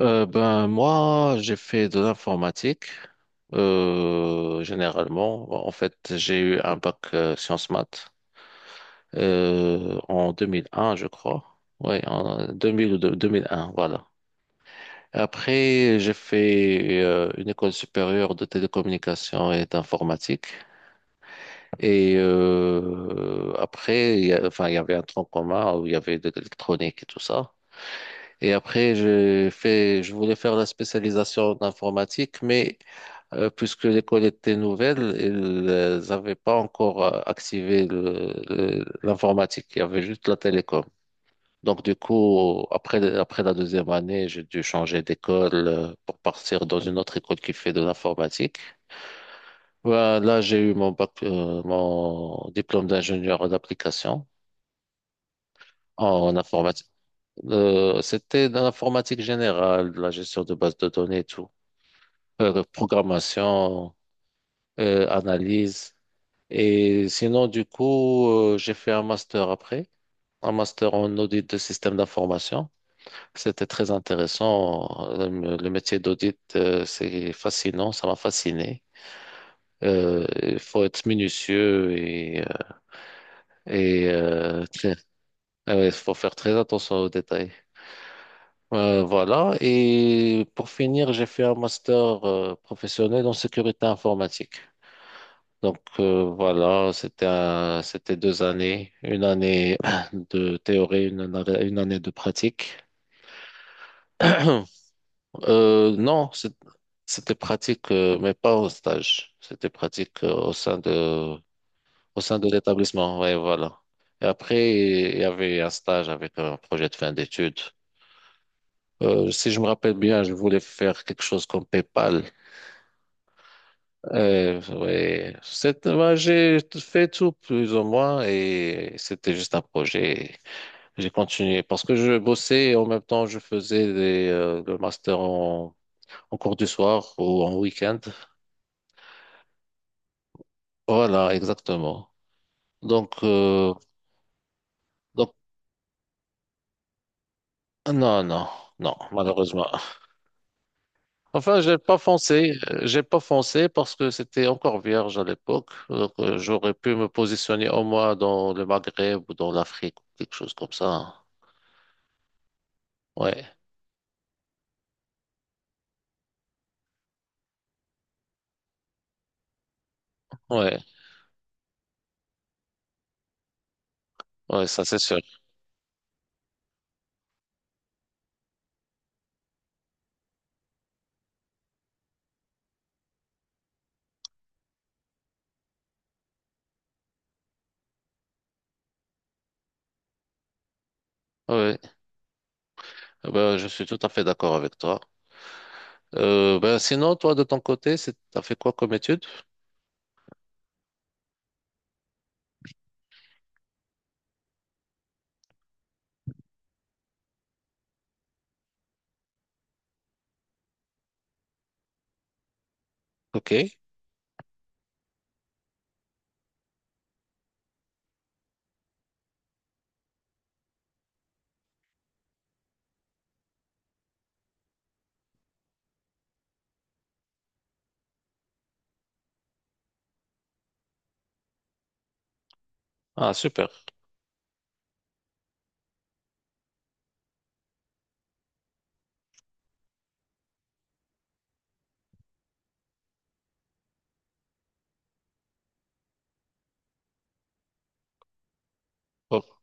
Ben moi, j'ai fait de l'informatique. Généralement, en fait, j'ai eu un bac sciences maths en 2001, je crois. Oui, en 2000 ou 2001, voilà. Après, j'ai fait une école supérieure de télécommunications et d'informatique. Et après, enfin, il y avait un tronc commun où il y avait de l'électronique et tout ça. Et après, j'ai fait, je voulais faire la spécialisation d'informatique, mais puisque l'école était nouvelle, ils n'avaient pas encore activé l'informatique, il y avait juste la télécom. Donc du coup, après la deuxième année, j'ai dû changer d'école pour partir dans une autre école qui fait de l'informatique. Voilà, là, j'ai eu mon bac, mon diplôme d'ingénieur d'application en informatique. C'était dans l'informatique générale, la gestion de bases de données et tout, programmation, analyse. Et sinon, du coup, j'ai fait un master après, un master en audit de système d'information. C'était très intéressant. Le métier d'audit, c'est fascinant, ça m'a fasciné. Il faut être minutieux et, et euh, très- ah ouais, il faut faire très attention aux détails. Voilà. Et pour finir, j'ai fait un master professionnel en sécurité informatique. Donc voilà, c'était deux années, une année de théorie, une année de pratique. Non, c'était pratique, mais pas au stage. C'était pratique au sein de l'établissement. Ouais, voilà. Et après, il y avait un stage avec un projet de fin d'études. Si je me rappelle bien, je voulais faire quelque chose comme PayPal. Ouais, ouais, j'ai fait tout plus ou moins et c'était juste un projet. J'ai continué parce que je bossais et en même temps je faisais le master en cours du soir ou en week-end. Voilà, exactement. Donc, euh, donc non, non, non, malheureusement. Enfin, j'ai pas foncé parce que c'était encore vierge à l'époque. Donc, j'aurais pu me positionner au moins dans le Maghreb ou dans l'Afrique, quelque chose comme ça, hein. Ouais, ouais, ouais, ça c'est sûr. Ouais, eh ben, je suis tout à fait d'accord avec toi. Ben sinon, toi, de ton côté, c'est, t'as fait quoi comme étude? Ok. Ah, super. Oh,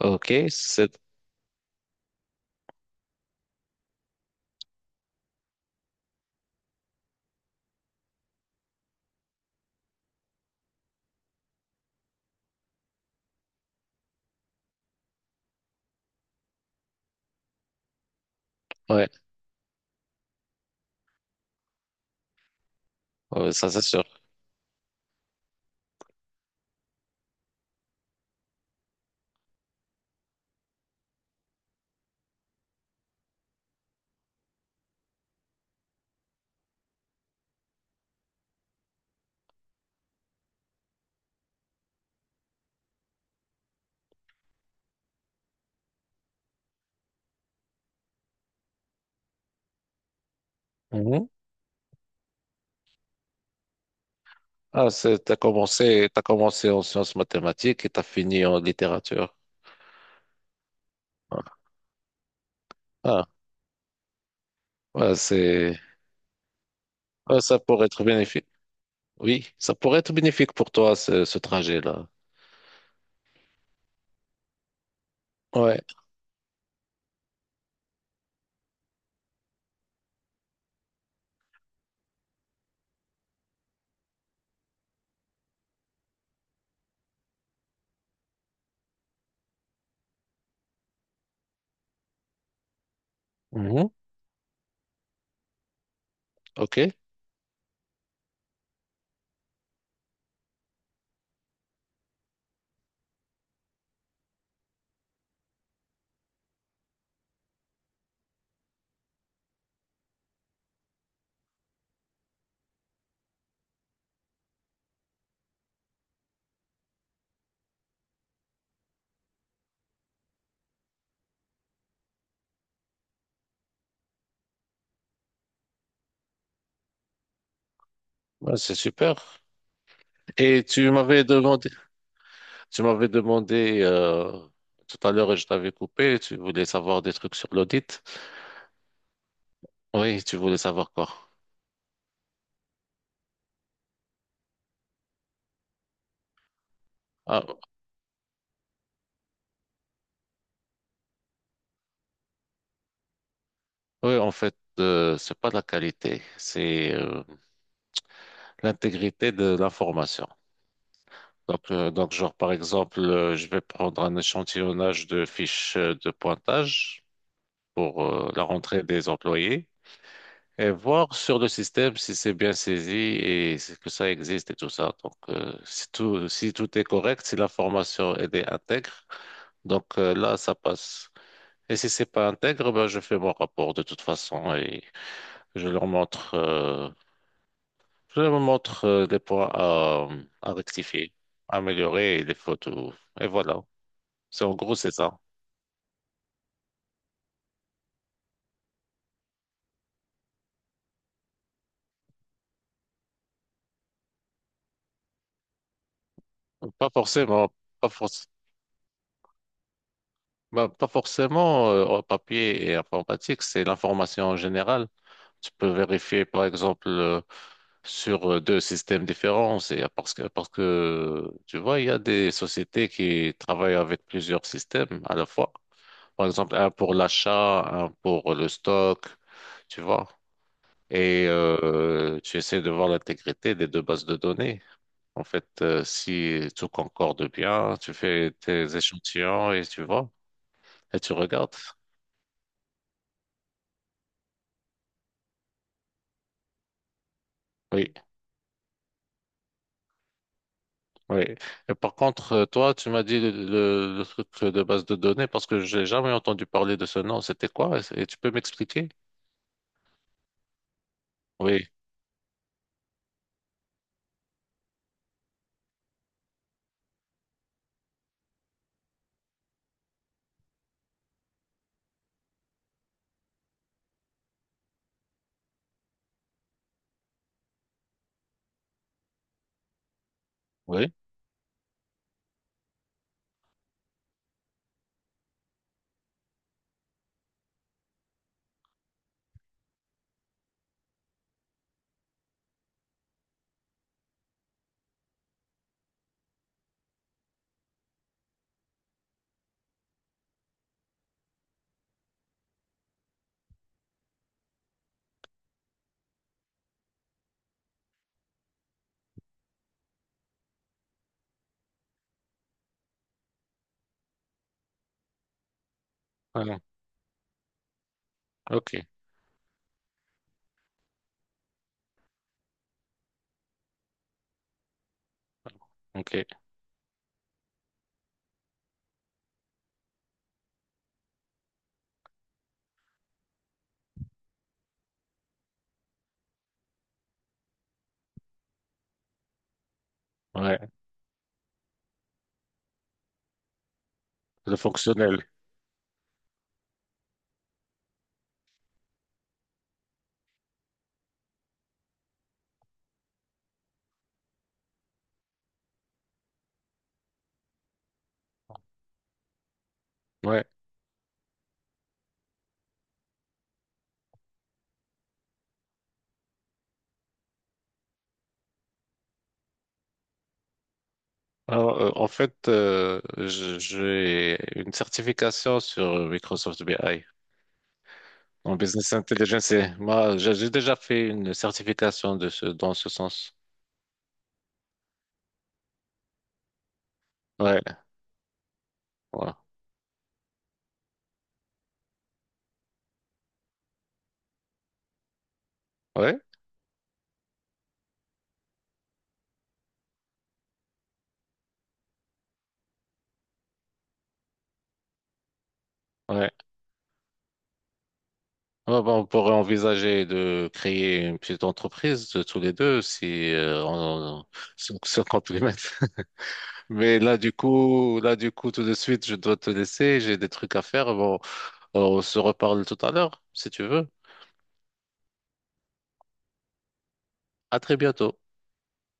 ok, c'est, ouais, ouais, ça c'est sûr. Mhm. Ah, c'est, t'as commencé en sciences mathématiques et t'as fini en littérature. Ah, ah, ouais, c'est, ouais, ça pourrait être bénéfique. Oui, ça pourrait être bénéfique pour toi, ce trajet-là. Ouais. Mhm. Ok. Ouais, c'est super. Et tu m'avais demandé. Tu m'avais demandé tout à l'heure et je t'avais coupé, tu voulais savoir des trucs sur l'audit. Oui, tu voulais savoir quoi? Ah, oui, en fait, c'est pas la qualité, c'est l'intégrité de l'information. Donc, genre, par exemple, je vais prendre un échantillonnage de fiches de pointage pour la rentrée des employés et voir sur le système si c'est bien saisi que ça existe et tout ça. Donc, si tout est correct, si l'information elle est intègre, donc là, ça passe. Et si c'est pas intègre, ben, je fais mon rapport de toute façon et je leur montre, les points à rectifier, à améliorer et les fautes. Et voilà. C'est ça. Pas forcément, pas forc- ben, pas forcément en papier et informatique, c'est l'information en général. Tu peux vérifier, par exemple, sur deux systèmes différents. C'est parce que tu vois, il y a des sociétés qui travaillent avec plusieurs systèmes à la fois. Par exemple, un pour l'achat, un pour le stock, tu vois. Et tu essaies de voir l'intégrité des deux bases de données. En fait, si tout concorde bien, tu fais tes échantillons et tu vois, et tu regardes. Oui. Oui. Et par contre, toi, tu m'as dit le truc de base de données parce que j'ai jamais entendu parler de ce nom. C'était quoi? Et tu peux m'expliquer? Oui. Oui. Ah non. Ok. Ok. Ouais. Le fonctionnel. Ouais. Alors, j'ai une certification sur Microsoft BI en business intelligence. Et moi, j'ai déjà fait une certification de ce, dans ce sens. Ouais. Ouais. Ouais. Ouais. Ouais, bah, on pourrait envisager de créer une petite entreprise de tous les deux si euh, on, si on se complète. Mais là, tout de suite, je dois te laisser. J'ai des trucs à faire. Bon, on se reparle tout à l'heure, si tu veux. À très bientôt.